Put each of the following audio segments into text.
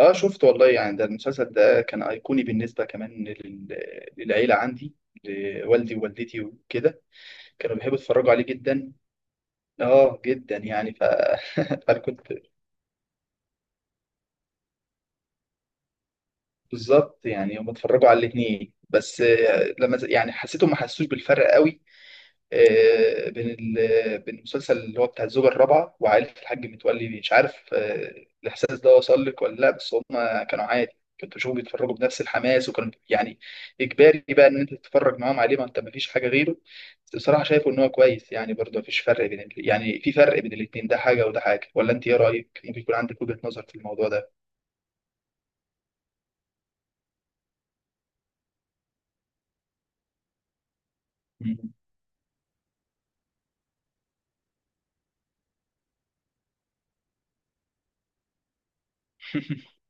اه، شفت والله. يعني ده المسلسل ده كان ايقوني بالنسبه كمان للعيله عندي، لوالدي ووالدتي وكده. كانوا بيحبوا يتفرجوا عليه جدا، اه جدا يعني فانا كنت. بالظبط، يعني هم اتفرجوا على الاثنين بس لما يعني حسيتهم ما حسوش بالفرق قوي. بين بين المسلسل اللي هو بتاع الزوجة الرابعة وعائلة الحاج متولي. مش عارف، الإحساس ده وصل لك ولا لأ؟ بس هم كانوا عادي، كنت بشوفهم بيتفرجوا بنفس الحماس، وكانوا يعني إجباري بقى إن أنت تتفرج معاهم عليه، ما أنت مفيش حاجة غيره. بس بصراحة شايفه إن هو كويس، يعني برضه مفيش فرق بين يعني في فرق بين الاتنين، ده حاجة وده حاجة، ولا أنت إيه رأيك؟ ممكن يكون عندك وجهة نظر في الموضوع ده. مم.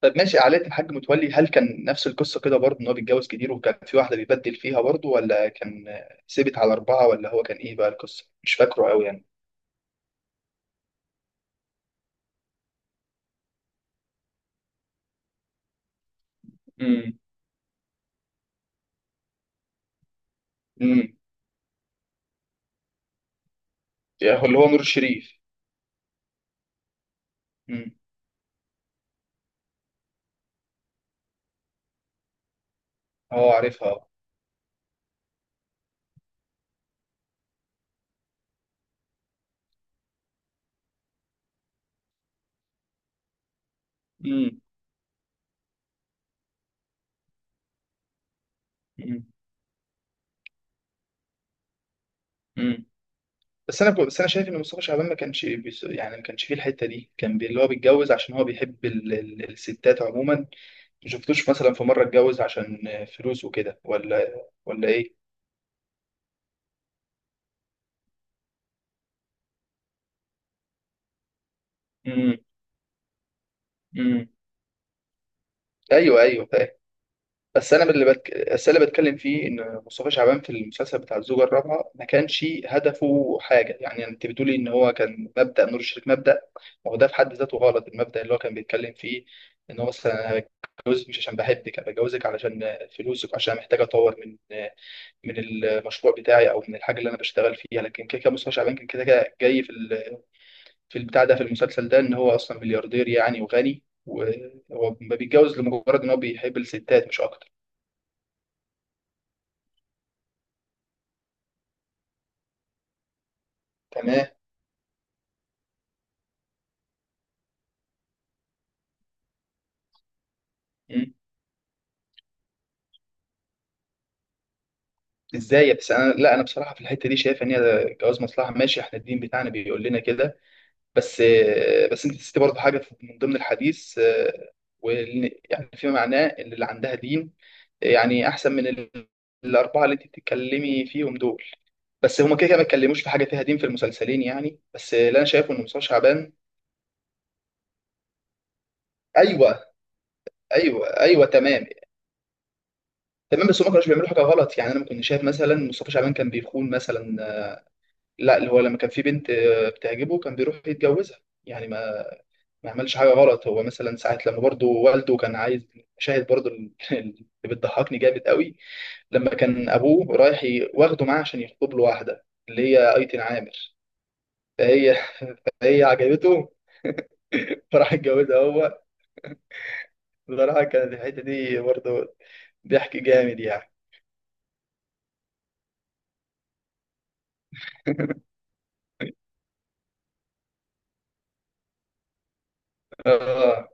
طب ماشي، عائلة الحاج متولي هل كان نفس القصة كده برضه؟ إن هو بيتجوز كتير وكان في واحدة بيبدل فيها برضه، ولا كان ثابت على أربعة، ولا هو كان إيه بقى القصة؟ مش فاكره أوي يعني. امم. امم. يعني هو اللي هو نور الشريف. امم. أه عارفها. امم. امم. امم. بس أنا شايف إن مصطفى شعبان ما كانش يعني ما كانش فيه الحتة دي، كان اللي هو بيتجوز عشان هو بيحب الستات عموما. ما شفتوش مثلا في مرة اتجوز عشان فلوس وكده، ولا إيه؟ امم. امم. ايوه، ايوه. بس أنا اللي بتكلم فيه ان مصطفى شعبان في المسلسل بتاع الزوجه الرابعه ما كانش هدفه حاجه. يعني انت بتقولي ان هو كان مبدا نور الشريف مبدا. ما هو ده في حد ذاته غلط، المبدا اللي هو كان بيتكلم فيه، ان هو مثلا: أنا بتجوزك مش عشان بحبك، انا بتجوزك علشان فلوسك، عشان محتاج اطور من المشروع بتاعي او من الحاجه اللي انا بشتغل فيها. لكن كده كده مصطفى شعبان كان كده كده جاي في في البتاع ده، في المسلسل ده، ان هو اصلا ملياردير يعني، وغني، وهو ما بيتجوز لمجرد ان هو بيحب الستات مش اكتر. تمام. مم. ازاي؟ بس انا، لا انا بصراحه في الحته دي شايف ان هي جواز مصلحه. ماشي، احنا الدين بتاعنا بيقول لنا كده. بس، بس انت نسيتي برضه حاجه من ضمن الحديث، يعني فيما معناه ان اللي عندها دين يعني احسن من الاربعه اللي انت بتتكلمي فيهم دول. بس هما كده كده ما اتكلموش في حاجه فيها دين في المسلسلين يعني، بس اللي انا شايفه ان مصطفى شعبان. ايوه، ايوه، ايوه. تمام، تمام. بس هما ما كانوش بيعملوا حاجه غلط يعني، انا ما كنت شايف مثلا مصطفى شعبان كان بيخون مثلا. لا، اللي هو لما كان في بنت بتعجبه كان بيروح يتجوزها يعني، ما عملش حاجة غلط. هو مثلا ساعة لما برضه والده كان عايز شاهد، برضه اللي بتضحكني جامد قوي، لما كان أبوه رايح واخده معاه عشان يخطب له واحدة اللي هي أيتن عامر. فهي عجبته. فراح اتجوزها هو. بصراحة كانت الحتة دي برضه ضحك جامد يعني. اه،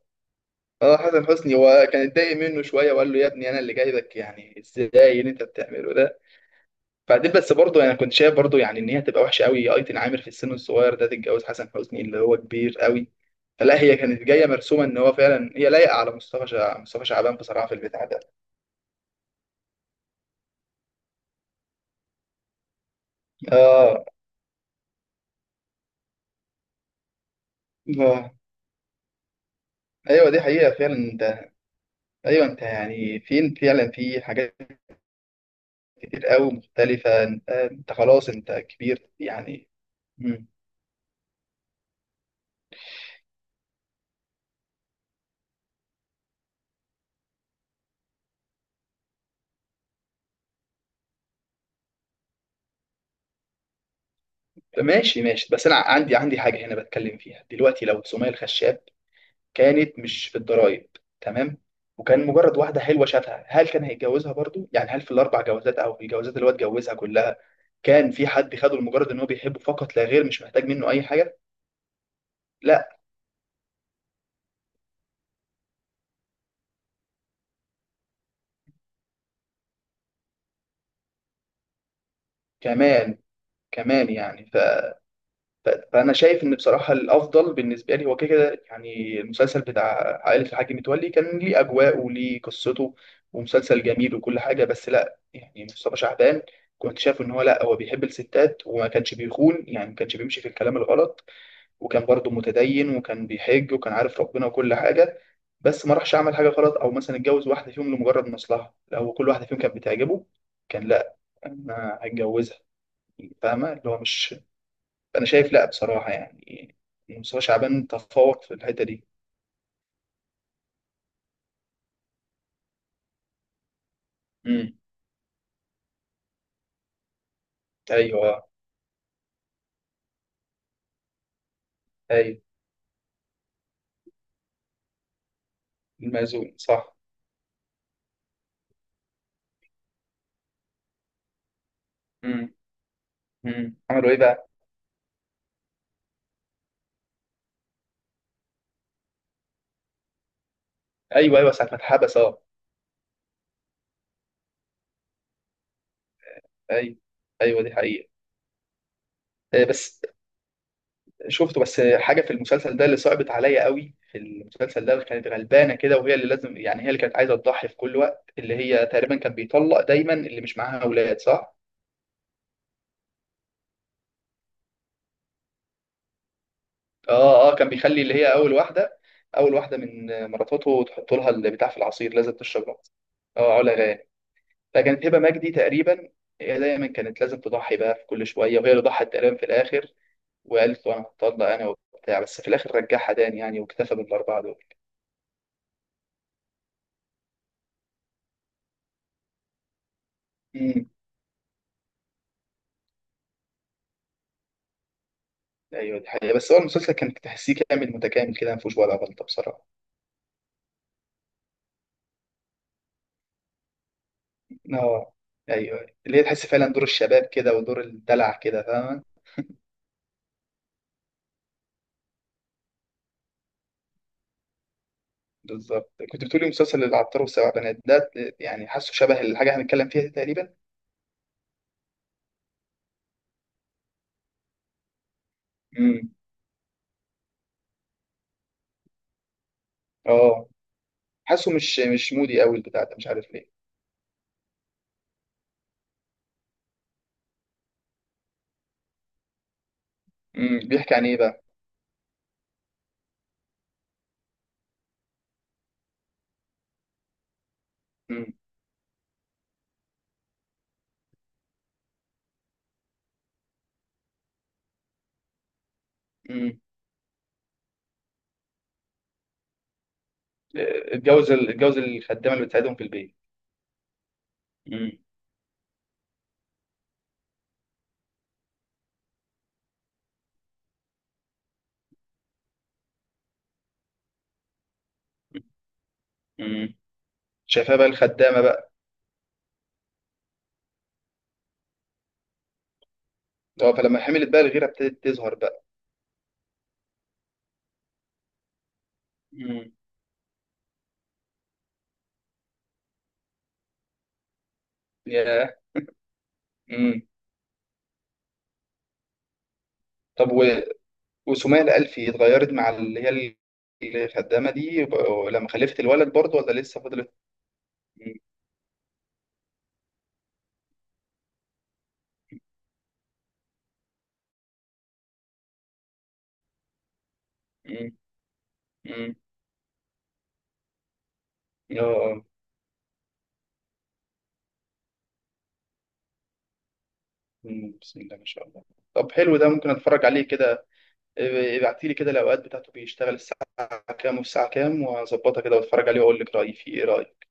اه. حسن حسني هو كان اتضايق منه شوية وقال له يا ابني أنا اللي جايبك، يعني ازاي اللي أنت بتعمله ده؟ بعدين بس برضه انا كنت شايف برضه يعني ان هي تبقى وحشه قوي، ايتن عامر في السن الصغير ده تتجوز حسن حسني اللي هو كبير قوي. فلا، هي كانت جايه مرسومه ان هو فعلا هي لايقه على مصطفى شعبان بصراحه في البتاع ده. اه، اه. ايوه دي حقيقه فعلا، انت. ايوه، انت يعني فين فعلا؟ في حاجات كتير قوي مختلفه، انت خلاص انت كبير يعني. مم. ماشي، ماشي. بس انا عندي حاجه هنا بتكلم فيها دلوقتي: لو سمية الخشاب كانت مش في الضرايب، تمام، وكان مجرد واحده حلوه شافها، هل كان هيتجوزها برضو؟ يعني هل في الاربع جوازات او في الجوازات اللي هو اتجوزها كلها كان في حد خده لمجرد ان هو بيحبه فقط لا غير، مش محتاج منه اي حاجه؟ لا. كمان، كمان يعني فانا شايف ان بصراحه الافضل بالنسبه لي هو كده كده. يعني المسلسل بتاع عائله الحاج متولي كان ليه اجواءه وليه قصته، ومسلسل جميل وكل حاجه. بس لا، يعني مصطفى شعبان كنت شايف ان هو لا، هو بيحب الستات وما كانش بيخون يعني، ما كانش بيمشي في الكلام الغلط، وكان برضه متدين وكان بيحج وكان عارف ربنا وكل حاجة. بس ما راحش عمل حاجة غلط أو مثلا اتجوز واحدة فيهم لمجرد مصلحة، لا هو كل واحدة فيهم كانت بتعجبه، كان لا، أنا هتجوزها. فاهمة اللي هو مش. أنا شايف، لا بصراحة يعني مصطفى شعبان تفوق في الحتة دي. امم. أيوه. أيوه، المأذون صح. امم. امم. عملوا إيه بقى؟ أيوه، أيوه، ساعة ما اتحبس، أه. أيوه، أيوه دي حقيقة. بس شفته. بس حاجه في المسلسل ده اللي صعبت عليا قوي في المسلسل ده، اللي كانت غلبانه كده، وهي اللي لازم يعني هي اللي كانت عايزه تضحي في كل وقت، اللي هي تقريبا كان بيطلق دايما اللي مش معاها اولاد، صح؟ اه، اه، كان بيخلي اللي هي اول واحده من مراتاته تحط لها البتاع في العصير، لازم تشرب العصير. اه، علا غانم. فكانت هبه مجدي تقريبا هي دايما كانت لازم تضحي بقى في كل شويه، وهي اللي ضحت تقريبا في الاخر وقالت له انا هتطلق انا وبتاع. بس في الاخر رجعها تاني يعني، واكتفى بالاربعه دول. ايوه دي حقيقة. بس هو المسلسل كان تحسيه كامل متكامل كده، ما فيهوش ولا غلطة بصراحة. اه، ايوه، اللي هي تحس فعلا دور الشباب كده ودور الدلع كده، فاهمة؟ بالظبط. كنت بتقولي مسلسل العطار والسبع بنات ده، يعني حاسه شبه الحاجة هنتكلم فيها دي تقريبا. امم. اه، حاسه مش مودي قوي البتاع ده، مش عارف ليه. امم. بيحكي عن ايه بقى؟ امم. امم. اتجوز الخدامة اللي بتساعدهم في البيت. امم. امم. شايفاها بقى الخدامة بقى. اه، فلما حملت بقى الغيرة ابتدت تظهر بقى. امم. ياه. طب وسمية الألفي اتغيرت مع اللي هي الخدامة دي لما خلفت الولد برضه، ولا لسه فضلت؟ مم. مم. مم. اه. آه. مم. بسم الله ما شاء الله. طب حلو، ده ممكن اتفرج عليه كده. إيه، ابعتي لي كده الأوقات بتاعته، بيشتغل الساعة كام والساعة كام، وهظبطها كده واتفرج عليه واقول لك رأيي فيه. ايه رأيك؟